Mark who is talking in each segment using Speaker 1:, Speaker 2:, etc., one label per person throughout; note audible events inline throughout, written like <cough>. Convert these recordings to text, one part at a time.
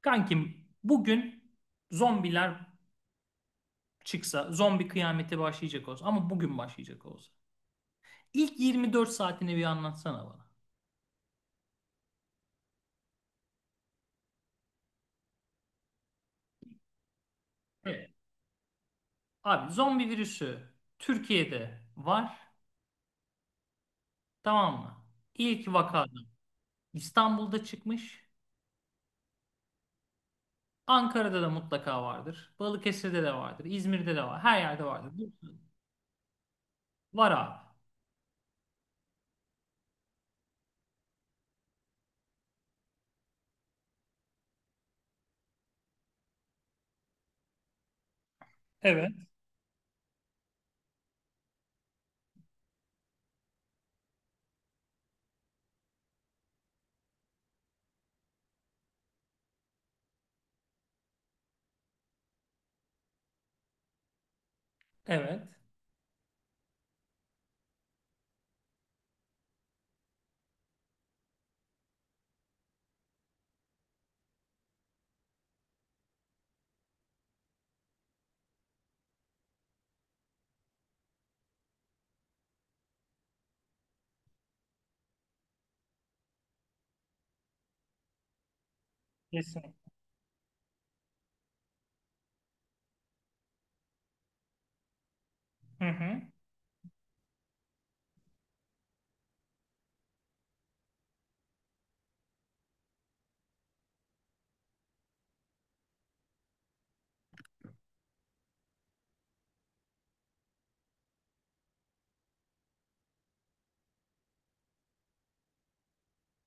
Speaker 1: Kankim bugün zombiler çıksa, zombi kıyameti başlayacak olsa ama bugün başlayacak olsa. İlk 24 saatini bir anlatsana bana. Evet. Abi zombi virüsü Türkiye'de var, tamam mı? İlk vakada İstanbul'da çıkmış. Ankara'da da mutlaka vardır. Balıkesir'de de vardır. İzmir'de de var. Her yerde vardır. Var abi. Evet. Evet. Kesin. Hı hı.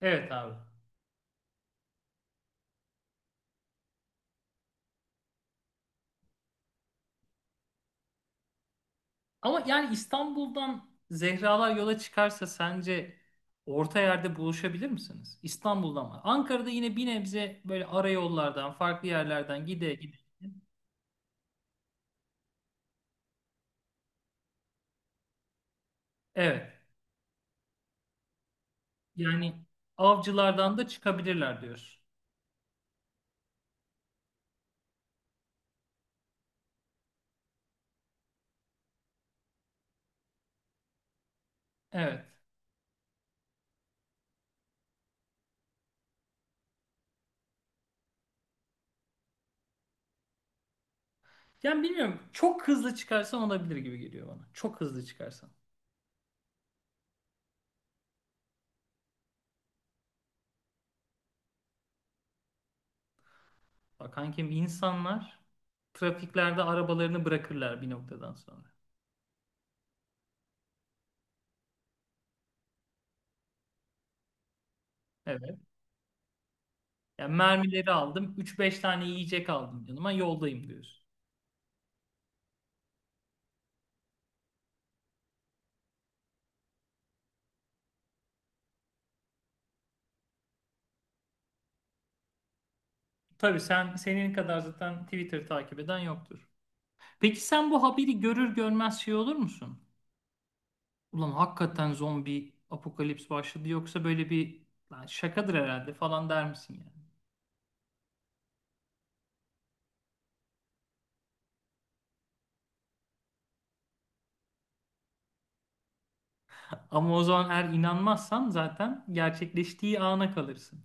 Speaker 1: Evet abi. Ama yani İstanbul'dan Zehralar yola çıkarsa sence orta yerde buluşabilir misiniz? İstanbul'dan mı? Ankara'da yine bir nebze böyle ara yollardan, farklı yerlerden gide gide. Evet. Yani avcılardan da çıkabilirler diyorsun. Evet. Yani bilmiyorum. Çok hızlı çıkarsan olabilir gibi geliyor bana. Çok hızlı çıkarsan. Bak kankim, insanlar trafiklerde arabalarını bırakırlar bir noktadan sonra. Evet. Yani mermileri aldım, üç beş tane yiyecek aldım yanıma. Yoldayım diyorsun. Tabii sen, senin kadar zaten Twitter'ı takip eden yoktur. Peki sen bu haberi görür görmez şey olur musun? Ulan, hakikaten zombi apokalips başladı yoksa böyle bir lan şakadır herhalde falan der misin yani? Ama o zaman eğer inanmazsan zaten gerçekleştiği ana kalırsın.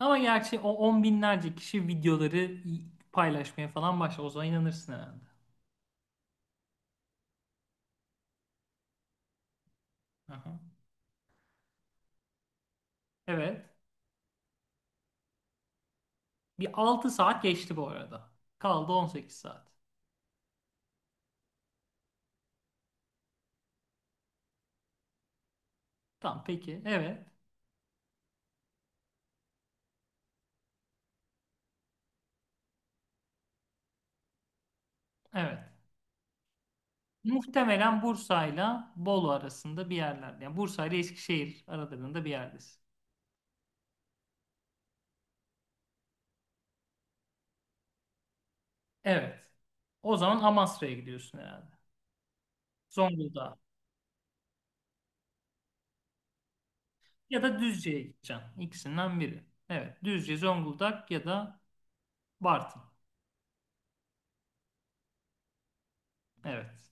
Speaker 1: Ama gerçi o on binlerce kişi videoları paylaşmaya falan başlar. O zaman inanırsın herhalde. Aha. Evet. Bir 6 saat geçti bu arada. Kaldı 18 saat. Tamam peki. Evet. Evet. Muhtemelen Bursa'yla Bolu arasında bir yerlerde. Yani Bursa ile Eskişehir aralarında bir yerdesin. Evet. O zaman Amasra'ya gidiyorsun herhalde. Zonguldak ya da Düzce'ye gideceksin. İkisinden biri. Evet. Düzce, Zonguldak ya da Bartın. Evet.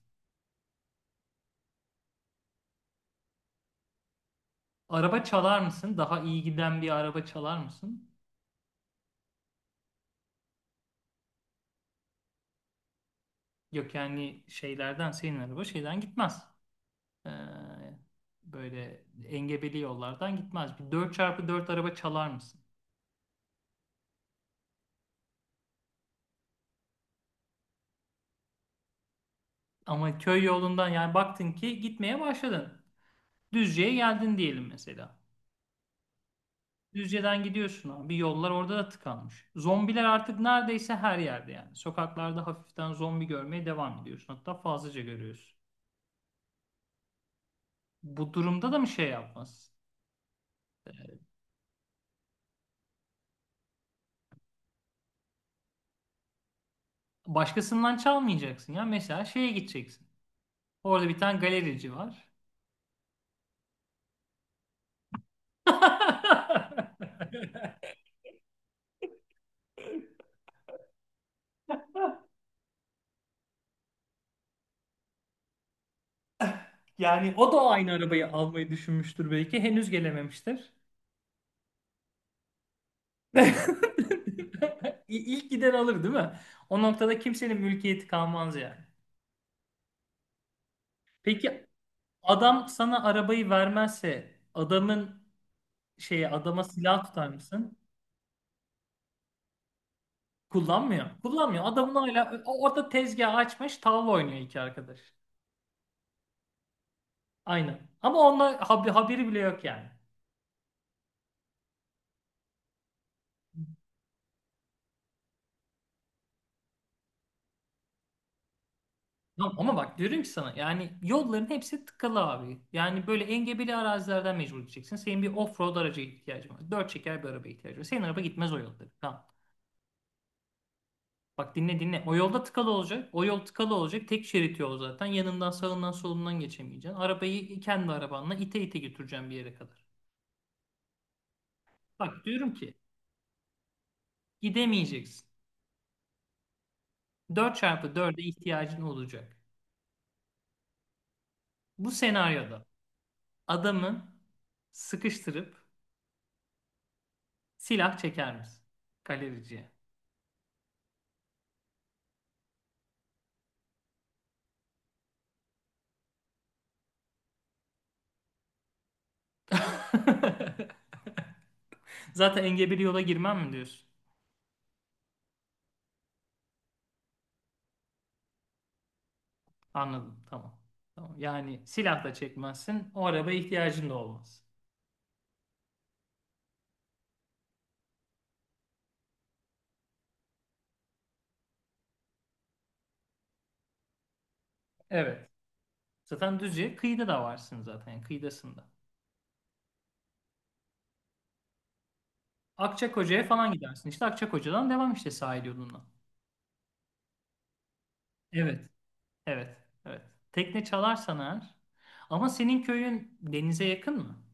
Speaker 1: Araba çalar mısın? Daha iyi giden bir araba çalar mısın? Yok yani şeylerden, senin araba şeyden gitmez. Ee, Böyle engebeli yollardan gitmez. Bir 4x4 araba çalar mısın? Ama köy yolundan, yani baktın ki gitmeye başladın. Düzce'ye geldin diyelim mesela. Düzce'den gidiyorsun abi. Yollar orada da tıkanmış. Zombiler artık neredeyse her yerde yani. Sokaklarda hafiften zombi görmeye devam ediyorsun. Hatta fazlaca görüyorsun. Bu durumda da mı şey yapmaz? Başkasından çalmayacaksın ya. Mesela şeye gideceksin. Orada bir tane galerici var. <laughs> Yani o da aynı arabayı almayı düşünmüştür belki. Henüz gelememiştir. <laughs> İlk giden alır, değil mi? O noktada kimsenin mülkiyeti kalmaz yani. Peki adam sana arabayı vermezse adamın, şeye, adama silah tutar mısın? Kullanmıyor. Kullanmıyor. Adamın hala orada tezgah açmış, tavla oynuyor iki arkadaş. Aynen. Ama onunla haberi bile yok yani. Ya, ama bak, diyorum ki sana, yani yolların hepsi tıkalı abi. Yani böyle engebeli arazilerden mecbur gideceksin. Senin bir off-road araca ihtiyacın var. Dört çeker bir araba ihtiyacın var. Senin araba gitmez o yolları. Tamam. Bak, dinle dinle. O yolda tıkalı olacak. O yol tıkalı olacak. Tek şerit yol zaten. Yanından, sağından, solundan geçemeyeceksin. Arabayı kendi arabanla ite ite götüreceğim bir yere kadar. Bak diyorum ki gidemeyeceksin. Dört çarpı 4e ihtiyacın olacak. Bu senaryoda adamı sıkıştırıp silah çeker misin? Galericiye. <laughs> Zaten engebeli yola girmem mi diyorsun? Anladım. Tamam. Tamam. Yani silah da çekmezsin. O arabaya ihtiyacın da olmaz. Evet. Zaten Düzce kıyıda da varsın zaten, yani kıyıdasında. Akçakoca'ya falan gidersin. İşte Akçakoca'dan devam işte sahil yoluna. Evet. Evet. Evet. Tekne çalarsan eğer. Ama senin köyün denize yakın mı?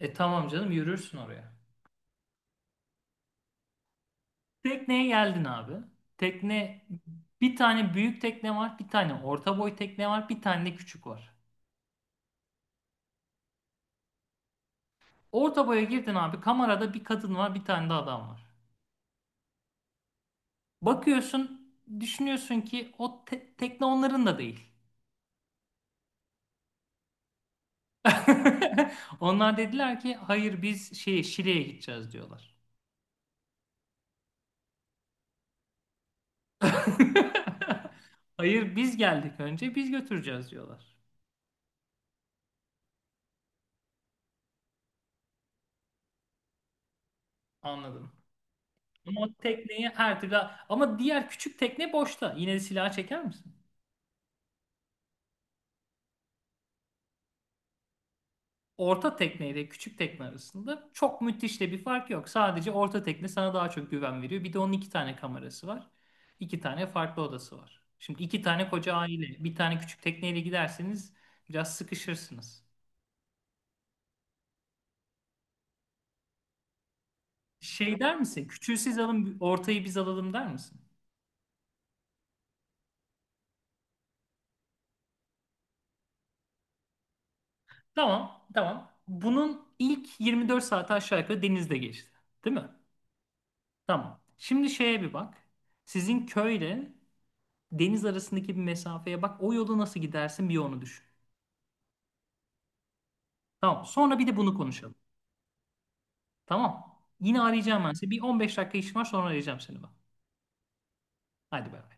Speaker 1: E tamam canım, yürürsün oraya. Tekneye geldin abi. Tekne, bir tane büyük tekne var, bir tane orta boy tekne var, bir tane de küçük var. Orta boya girdin abi. Kamerada bir kadın var, bir tane de adam var. Bakıyorsun, düşünüyorsun ki o tekne onların da değil. <laughs> Onlar dediler ki hayır, biz şey, Şile'ye gideceğiz diyorlar. <laughs> Hayır, biz geldik önce, biz götüreceğiz diyorlar. Anladım. Ama o tekneyi her türlü, ama diğer küçük tekne boşta. Yine de silahı çeker misin? Orta tekne ile küçük tekne arasında çok müthiş de bir fark yok. Sadece orta tekne sana daha çok güven veriyor. Bir de onun iki tane kamerası var. İki tane farklı odası var. Şimdi iki tane koca aile, bir tane küçük tekneyle giderseniz biraz sıkışırsınız. Şey der misin? Küçüğü siz alın, ortayı biz alalım der misin? Tamam, tamam. Bunun ilk 24 saati aşağı yukarı denizde geçti. Değil mi? Tamam. Şimdi şeye bir bak. Sizin köyle deniz arasındaki bir mesafeye bak. O yolu nasıl gidersin, bir onu düşün. Tamam. Sonra bir de bunu konuşalım. Tamam. Yine arayacağım ben seni. Bir 15 dakika işim var, sonra arayacağım seni ben. Hadi bay bay.